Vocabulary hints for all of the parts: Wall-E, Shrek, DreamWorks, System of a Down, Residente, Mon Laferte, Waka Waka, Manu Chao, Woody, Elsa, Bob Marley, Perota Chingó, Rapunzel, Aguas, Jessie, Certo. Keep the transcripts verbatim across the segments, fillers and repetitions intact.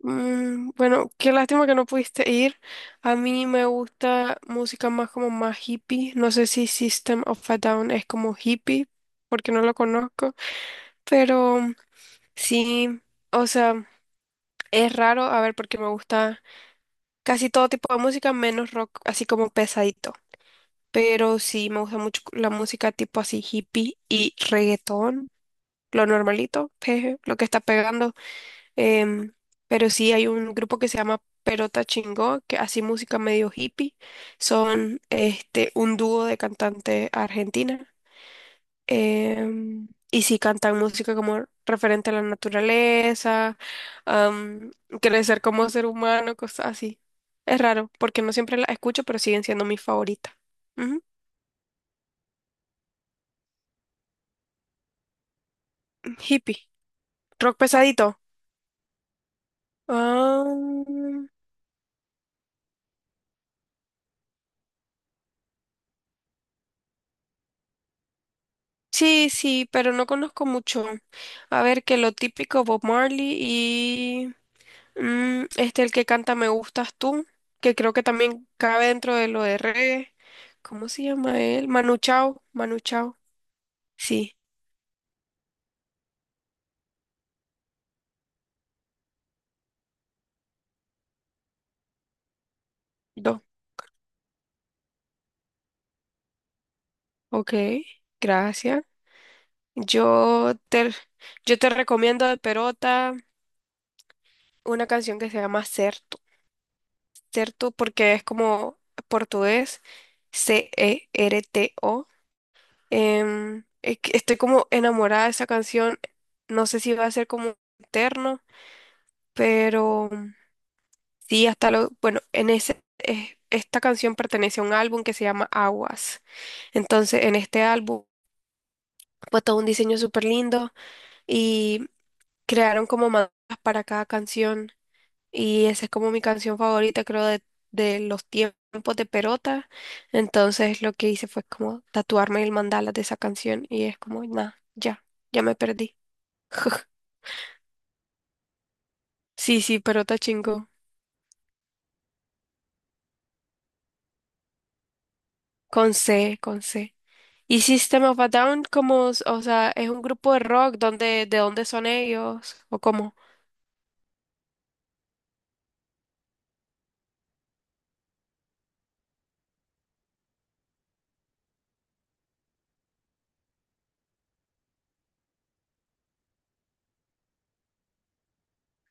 Mm, bueno, qué lástima que no pudiste ir. A mí me gusta música más como más hippie. No sé si System of a Down es como hippie, porque no lo conozco. Pero sí, o sea, es raro, a ver, porque me gusta casi todo tipo de música, menos rock, así como pesadito. Pero sí, me gusta mucho la música tipo así hippie y reggaetón, lo normalito, jeje, lo que está pegando. Em, pero sí, hay un grupo que se llama Perota Chingó, que hace música medio hippie. Son este, un dúo de cantante argentina. Em, y sí cantan música como referente a la naturaleza, am, crecer como ser humano, cosas así. Es raro, porque no siempre la escucho, pero siguen siendo mi favorita. Ujú. Hippie. Rock pesadito. Ah, Sí, sí, pero no conozco mucho. A ver, que lo típico Bob Marley y mm, este el que canta Me gustas tú, que creo que también cabe dentro de lo de reggae. ¿Cómo se llama él? Manu Chao, Manu Chao. Sí, dos. Ok, gracias. Yo te, yo te recomiendo de Perota una canción que se llama Certo. Certo porque es como portugués, C E R T O. Em, es que estoy como enamorada de esa canción. No sé si va a ser como eterno, pero sí, hasta lo... Bueno, en ese, eh, esta canción pertenece a un álbum que se llama Aguas. Entonces, en este álbum fue todo un diseño súper lindo y crearon como mandalas para cada canción. Y esa es como mi canción favorita, creo, de, de los tiempos de Perota. Entonces, lo que hice fue como tatuarme el mandala de esa canción y es como, nada, ya, ya me perdí. Sí, sí, pero está chingo. Con C, con C. Y System of a Down, como, s- o sea, es un grupo de rock, donde, ¿de dónde son ellos? ¿O cómo?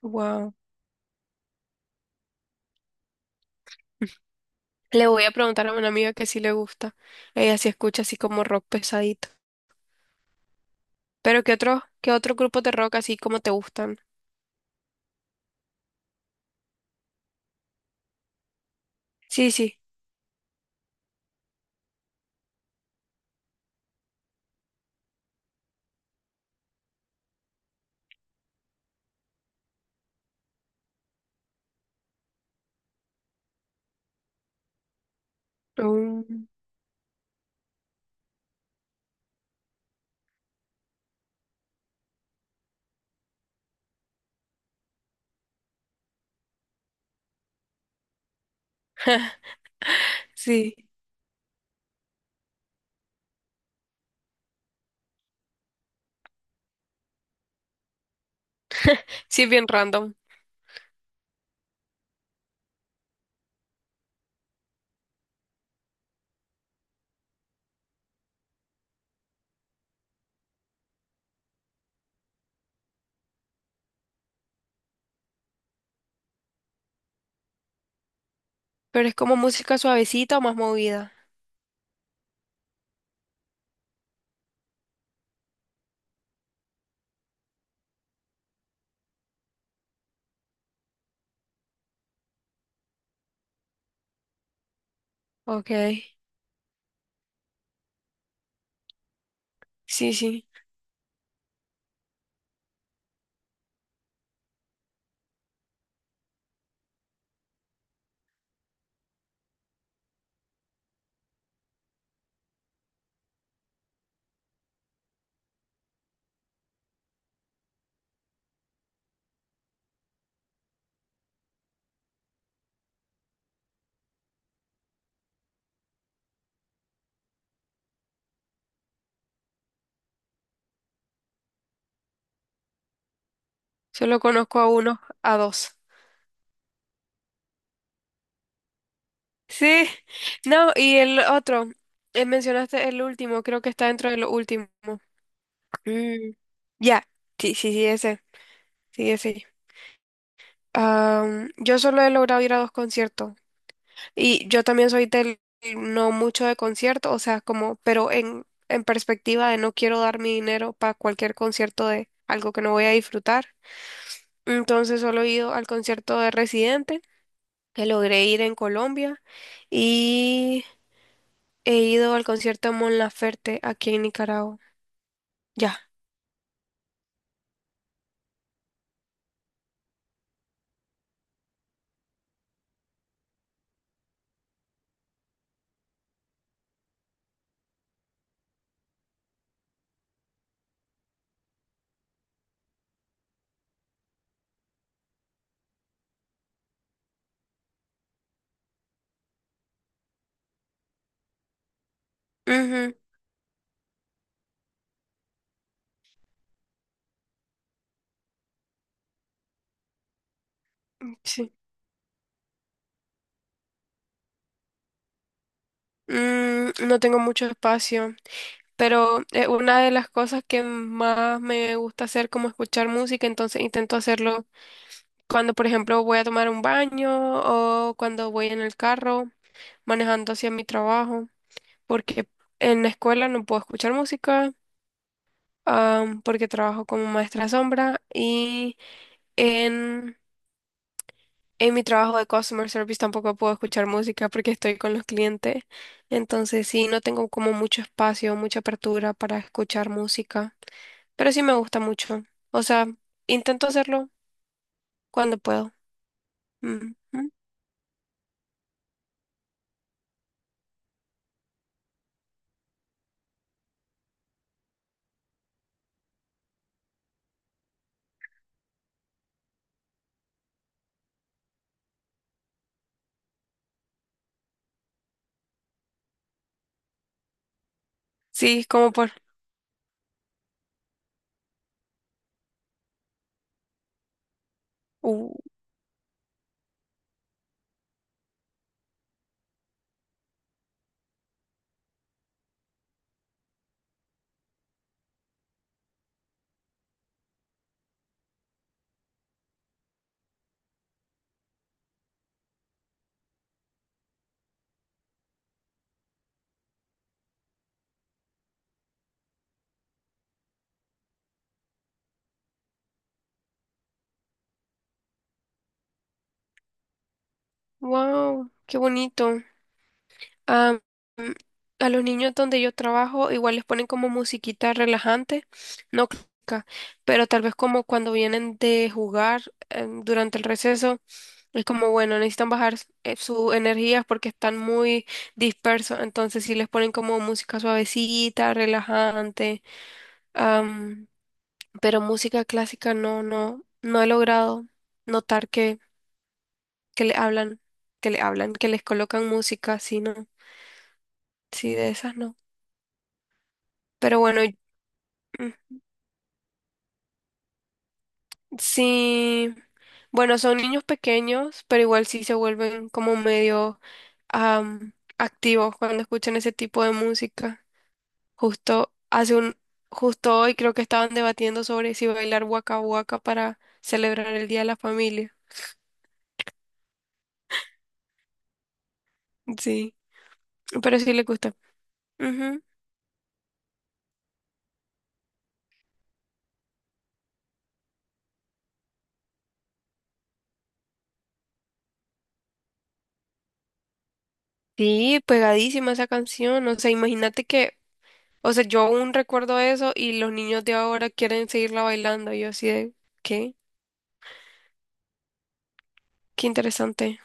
Wow. Le voy a preguntar a una amiga que sí le gusta. Ella sí escucha así como rock pesadito. Pero ¿qué otros, qué otros grupos de rock así como te gustan? Sí, sí. Mm, sí. Sí, es bien random. Pero es como música suavecita o más movida. Ok. Sí, sí. Solo conozco a uno, a dos. Sí, no, y el otro, eh, mencionaste el último, creo que está dentro de lo último. Mm. Ya. Sí, sí, sí, ese, sí, ese. Am, yo solo he logrado ir a dos conciertos y yo también soy del no mucho de concierto, o sea, como, pero en, en perspectiva de no quiero dar mi dinero para cualquier concierto de algo que no voy a disfrutar. Entonces solo he ido al concierto de Residente, que logré ir en Colombia. He ido al concierto de Mon Laferte aquí en Nicaragua. Ya. Ujú. Sí. Mm, no tengo mucho espacio, pero eh, una de las cosas que más me gusta hacer como escuchar música, entonces intento hacerlo cuando, por ejemplo, voy a tomar un baño o cuando voy en el carro manejando hacia mi trabajo, porque en la escuela no puedo escuchar música, am, porque trabajo como maestra sombra y en en mi trabajo de customer service tampoco puedo escuchar música porque estoy con los clientes. Entonces sí, no tengo como mucho espacio, mucha apertura para escuchar música. Pero sí me gusta mucho. O sea, intento hacerlo cuando puedo. Ujú. Sí, como por... Uh, wow, qué bonito. Am, a los niños donde yo trabajo igual les ponen como musiquita relajante, no clásica, pero tal vez como cuando vienen de jugar em, durante el receso, es como bueno, necesitan bajar eh, su energía porque están muy dispersos, entonces sí les ponen como música suavecita, relajante, am, pero música clásica no, no, no he logrado notar que, que le hablan, que le hablan, que les colocan música, sino, sí, no, sí, de esas no. Pero bueno, mm, sí, bueno, son niños pequeños, pero igual sí se vuelven como medio am, activos cuando escuchan ese tipo de música. Justo hace un, justo hoy creo que estaban debatiendo sobre si bailar Waka Waka para celebrar el Día de la Familia. Sí, pero sí le gusta. Ujú. Sí, pegadísima esa canción. O sea, imagínate que, o sea, yo aún recuerdo eso y los niños de ahora quieren seguirla bailando. Y yo así de, ¿qué? Qué interesante.